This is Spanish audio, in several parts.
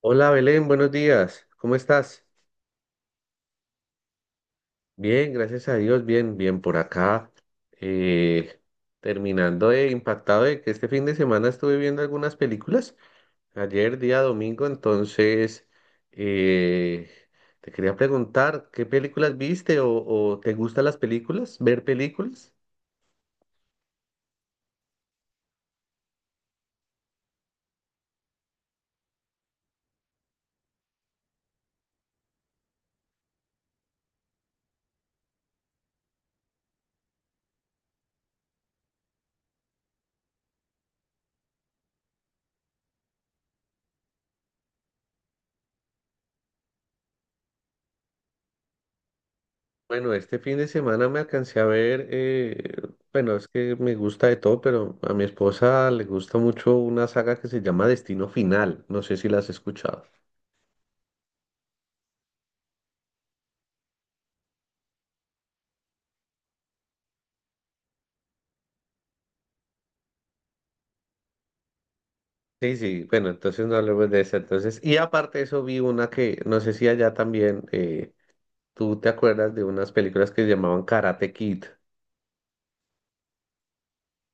Hola Belén, buenos días. ¿Cómo estás? Bien, gracias a Dios, bien, bien por acá. Eh, Terminando de impactado de que este fin de semana estuve viendo algunas películas. Ayer, día domingo, entonces eh, te quería preguntar, ¿qué películas viste o te gustan las películas? ¿Ver películas? Bueno, este fin de semana me alcancé a ver, bueno, es que me gusta de todo, pero a mi esposa le gusta mucho una saga que se llama Destino Final, no sé si la has escuchado. Sí, sí, bueno, entonces no hablemos de esa. Entonces, y aparte de eso vi una que, no sé si allá también, tú te acuerdas de unas películas que se llamaban Karate Kid.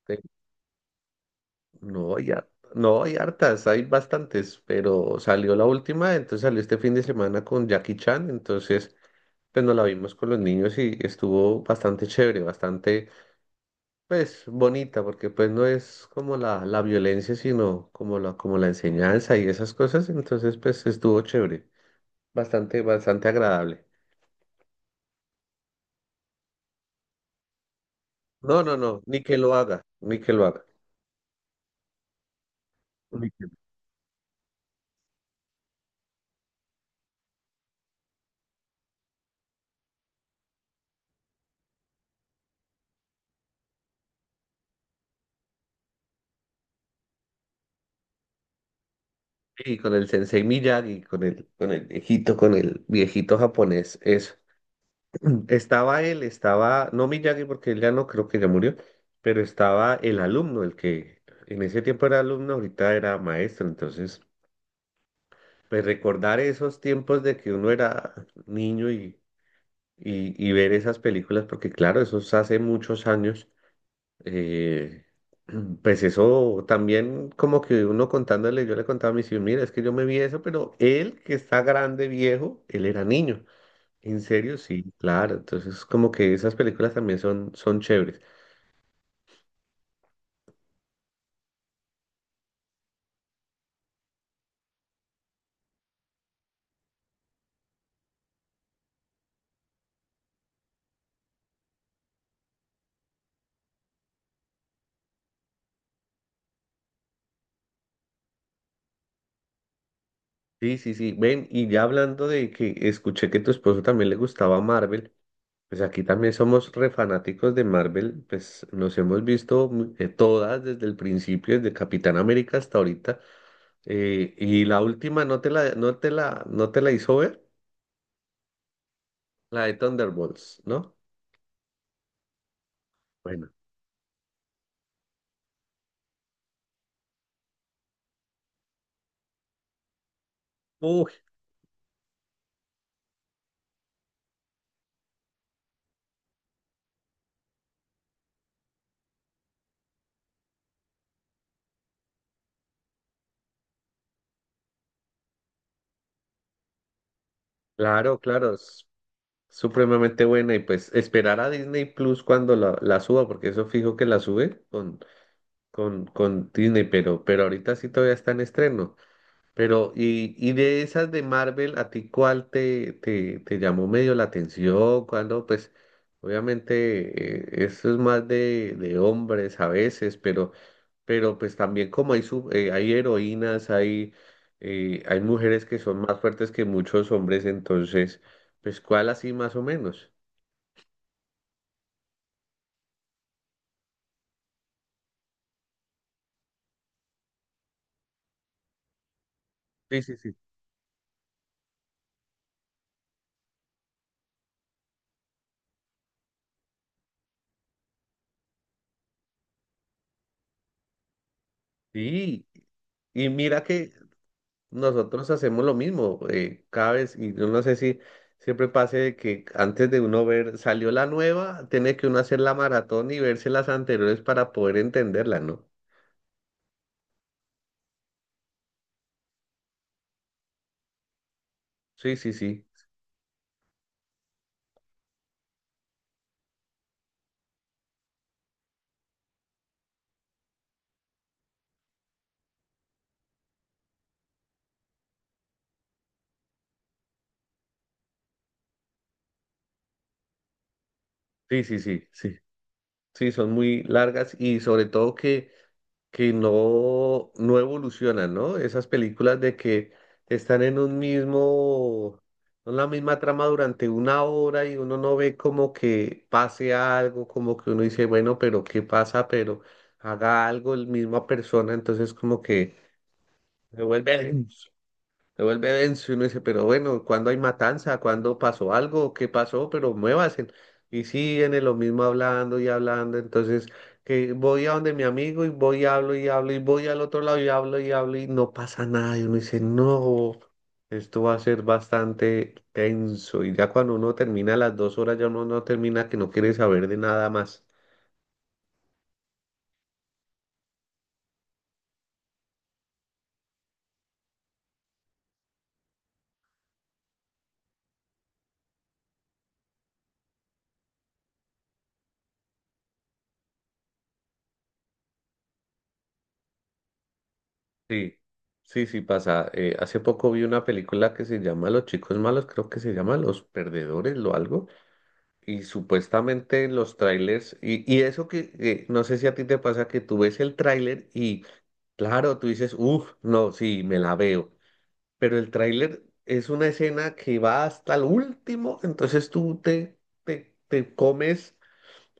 Sí. No hay, har- no hay hartas, hay bastantes, pero salió la última, entonces salió este fin de semana con Jackie Chan, entonces pues nos la vimos con los niños y estuvo bastante chévere, bastante, pues, bonita, porque pues no es como la violencia, sino como la enseñanza y esas cosas, entonces pues estuvo chévere, bastante, bastante agradable. No, no, no, ni que lo haga, ni que lo haga. Ni que- Y con el sensei Miyagi, con el viejito japonés, eso. Estaba él, estaba, no Miyagi porque él ya no creo que ya murió, pero estaba el alumno, el que en ese tiempo era alumno, ahorita era maestro, entonces, pues recordar esos tiempos de que uno era niño y ver esas películas, porque claro, eso es hace muchos años, eh, pues eso también como que uno contándole, yo le contaba a mis hijos, mira, es que yo me vi eso, pero él que está grande, viejo, él era niño. En serio, sí, claro. Entonces, como que esas películas también son, son chéveres. Sí, sí, sí. Ven, y ya hablando de que escuché que tu esposo también le gustaba Marvel, pues aquí también somos re fanáticos de Marvel, pues nos hemos visto todas desde el principio, desde Capitán América hasta ahorita. Y la última no te la hizo ver, la de Thunderbolts, ¿no? Bueno. Uy, claro, claro. Supremamente buena y pues esperar a Disney Plus cuando la suba, porque eso fijo que la sube con Disney, pero ahorita sí todavía está en estreno. Pero, y de esas de Marvel, ¿a ti cuál te llamó medio la atención? Cuando, pues, obviamente, eso es más de hombres a veces, pero pues también como hay, hay heroínas, hay, hay mujeres que son más fuertes que muchos hombres, entonces, pues, ¿cuál así más o menos? Sí, sí, sí. Sí, y mira que nosotros hacemos lo mismo, cada vez, y yo no sé si siempre pase de que antes de uno ver, salió la nueva, tiene que uno hacer la maratón y verse las anteriores para poder entenderla, ¿no? Sí, sí, sí, sí, sí, sí, sí, sí, son muy largas y sobre todo que no, no evolucionan, ¿no? Esas películas de que están en un mismo, en la misma trama durante una hora y uno no ve como que pase algo, como que uno dice, bueno, pero ¿qué pasa? Pero haga algo la misma persona, entonces como que se vuelve se vuelve denso y uno dice, pero bueno, ¿cuándo hay matanza? ¿Cuándo pasó algo? ¿Qué pasó? Pero muévase. Y siguen en lo mismo hablando y hablando. Entonces, que voy a donde mi amigo y voy y hablo y hablo y voy al otro lado y hablo y hablo y no pasa nada. Y uno dice, no, esto va a ser bastante tenso. Y ya cuando uno termina las 2 horas, ya uno no termina que no quiere saber de nada más. Sí, sí, sí pasa. Hace poco vi una película que se llama Los chicos malos, creo que se llama Los perdedores o algo. Y supuestamente en los trailers, y eso que no sé si a ti te pasa que tú ves el tráiler y claro, tú dices, uff, no, sí, me la veo. Pero el tráiler es una escena que va hasta el último, entonces te comes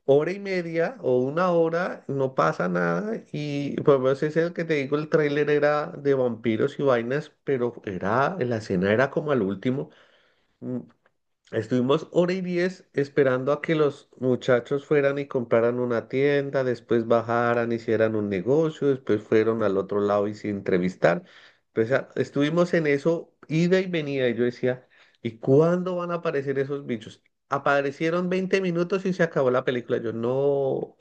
hora y media o una hora, no pasa nada. Y pues lo menos ese es el que te digo, el tráiler era de vampiros y vainas, pero era, la escena era como al último. mm, Estuvimos hora y diez esperando a que los muchachos fueran y compraran una tienda, después bajaran, hicieran un negocio, después fueron al otro lado y se entrevistar. Pues, ah, estuvimos en eso, ida y venida, y yo decía, ¿y cuándo van a aparecer esos bichos? Aparecieron 20 minutos y se acabó la película. Yo, no.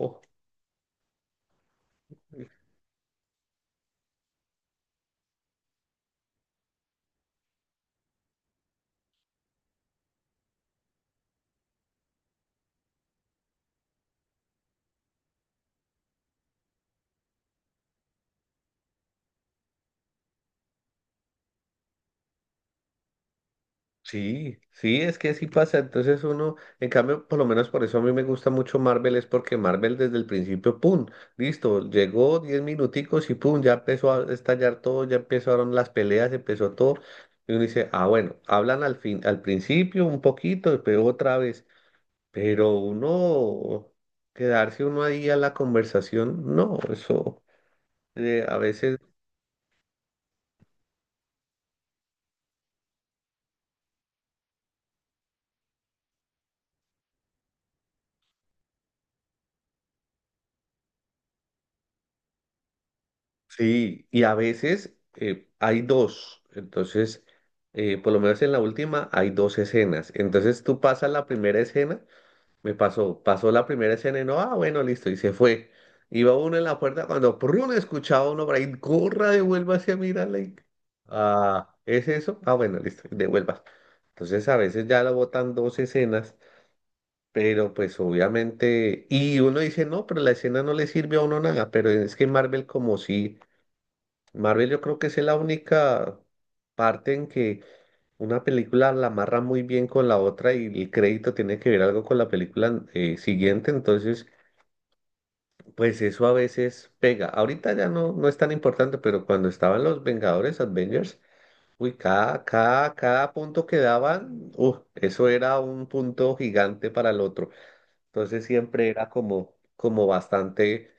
Sí, sí, es que sí pasa. Entonces uno, en cambio, por lo menos por eso a mí me gusta mucho Marvel, es porque Marvel desde el principio, ¡pum! Listo, llegó 10 minuticos y ¡pum! Ya empezó a estallar todo, ya empezaron las peleas, empezó todo. Y uno dice, ah, bueno, hablan al fin, al principio un poquito, pero otra vez. Pero uno, quedarse uno ahí a la conversación, no, eso a veces. Sí, y a veces hay dos, entonces, por lo menos en la última hay dos escenas, entonces tú pasas la primera escena, me pasó, pasó la primera escena y no, ah, bueno, listo, y se fue. Iba uno en la puerta cuando prrrun, escuchaba uno por ahí, corra, devuélvase a mirarla. Ah, ¿es eso? Ah, bueno, listo, devuelvas. Entonces a veces ya la botan dos escenas, pero pues obviamente, y uno dice, no, pero la escena no le sirve a uno nada, pero es que Marvel como si Marvel yo creo que es la única parte en que una película la amarra muy bien con la otra y el crédito tiene que ver algo con la película siguiente, entonces pues eso a veces pega. Ahorita ya no, no es tan importante, pero cuando estaban los Vengadores, Avengers, uy, cada, cada, cada punto que daban, eso era un punto gigante para el otro. Entonces siempre era como, como bastante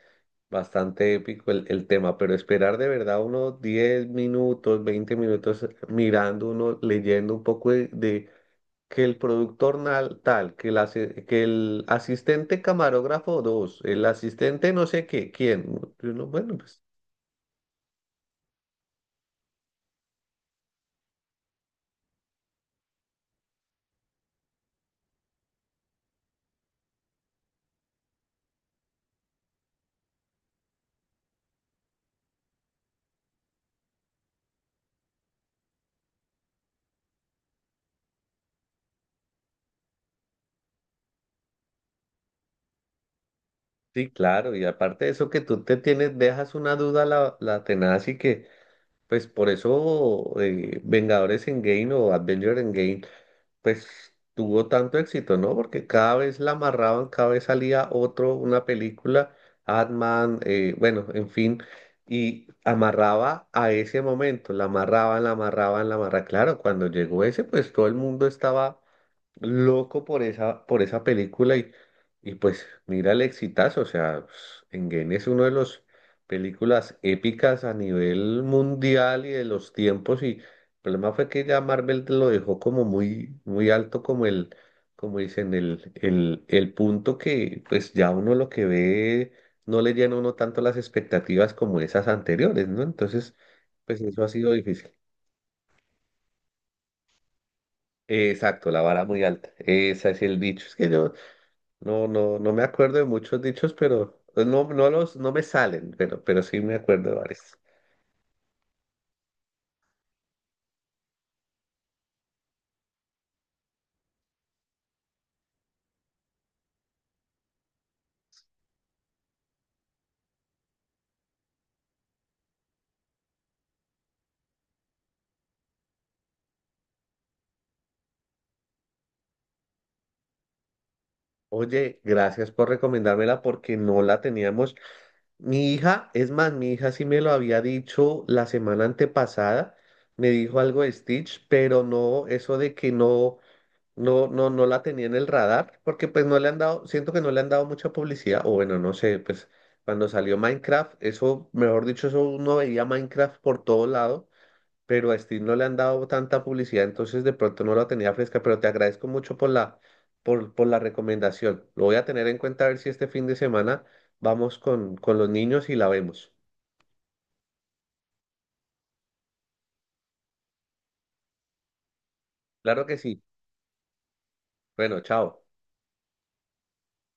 bastante épico el tema, pero esperar de verdad unos 10 minutos, 20 minutos mirando uno, leyendo un poco de que el productor nal- tal, que el, asi- que el asistente camarógrafo dos, el asistente no sé qué, quién. Y uno, bueno, pues sí, claro, y aparte de eso que tú te tienes, dejas una duda la tenaz y que, pues por eso Vengadores Endgame o Avengers Endgame pues tuvo tanto éxito, ¿no? Porque cada vez la amarraban, cada vez salía otro, una película, Ant-Man, bueno, en fin, y amarraba a ese momento, la amarraban, la amarraban, la amarraban. Claro, cuando llegó ese, pues todo el mundo estaba loco por esa película y pues mira el exitazo, o sea, Engen es uno de los películas épicas a nivel mundial y de los tiempos y el problema fue que ya Marvel te lo dejó como muy, muy alto como el, como dicen, el punto que pues ya uno lo que ve no le llena a uno tanto las expectativas como esas anteriores, ¿no? Entonces, pues eso ha sido difícil. Exacto, la vara muy alta. Ese es el dicho. Es que yo, no, no, no me acuerdo de muchos dichos, pero no, no los, no me salen, pero sí me acuerdo de varios. Oye, gracias por recomendármela porque no la teníamos. Mi hija, es más, mi hija sí me lo había dicho la semana antepasada, me dijo algo de Stitch, pero no, eso de que no, no, no, no la tenía en el radar, porque pues no le han dado, siento que no le han dado mucha publicidad, o bueno, no sé, pues cuando salió Minecraft, eso, mejor dicho, eso uno veía Minecraft por todo lado pero a Steve no le han dado tanta publicidad, entonces de pronto no la tenía fresca, pero te agradezco mucho por por la recomendación. Lo voy a tener en cuenta a ver si este fin de semana vamos con los niños y la vemos. Claro que sí. Bueno, chao.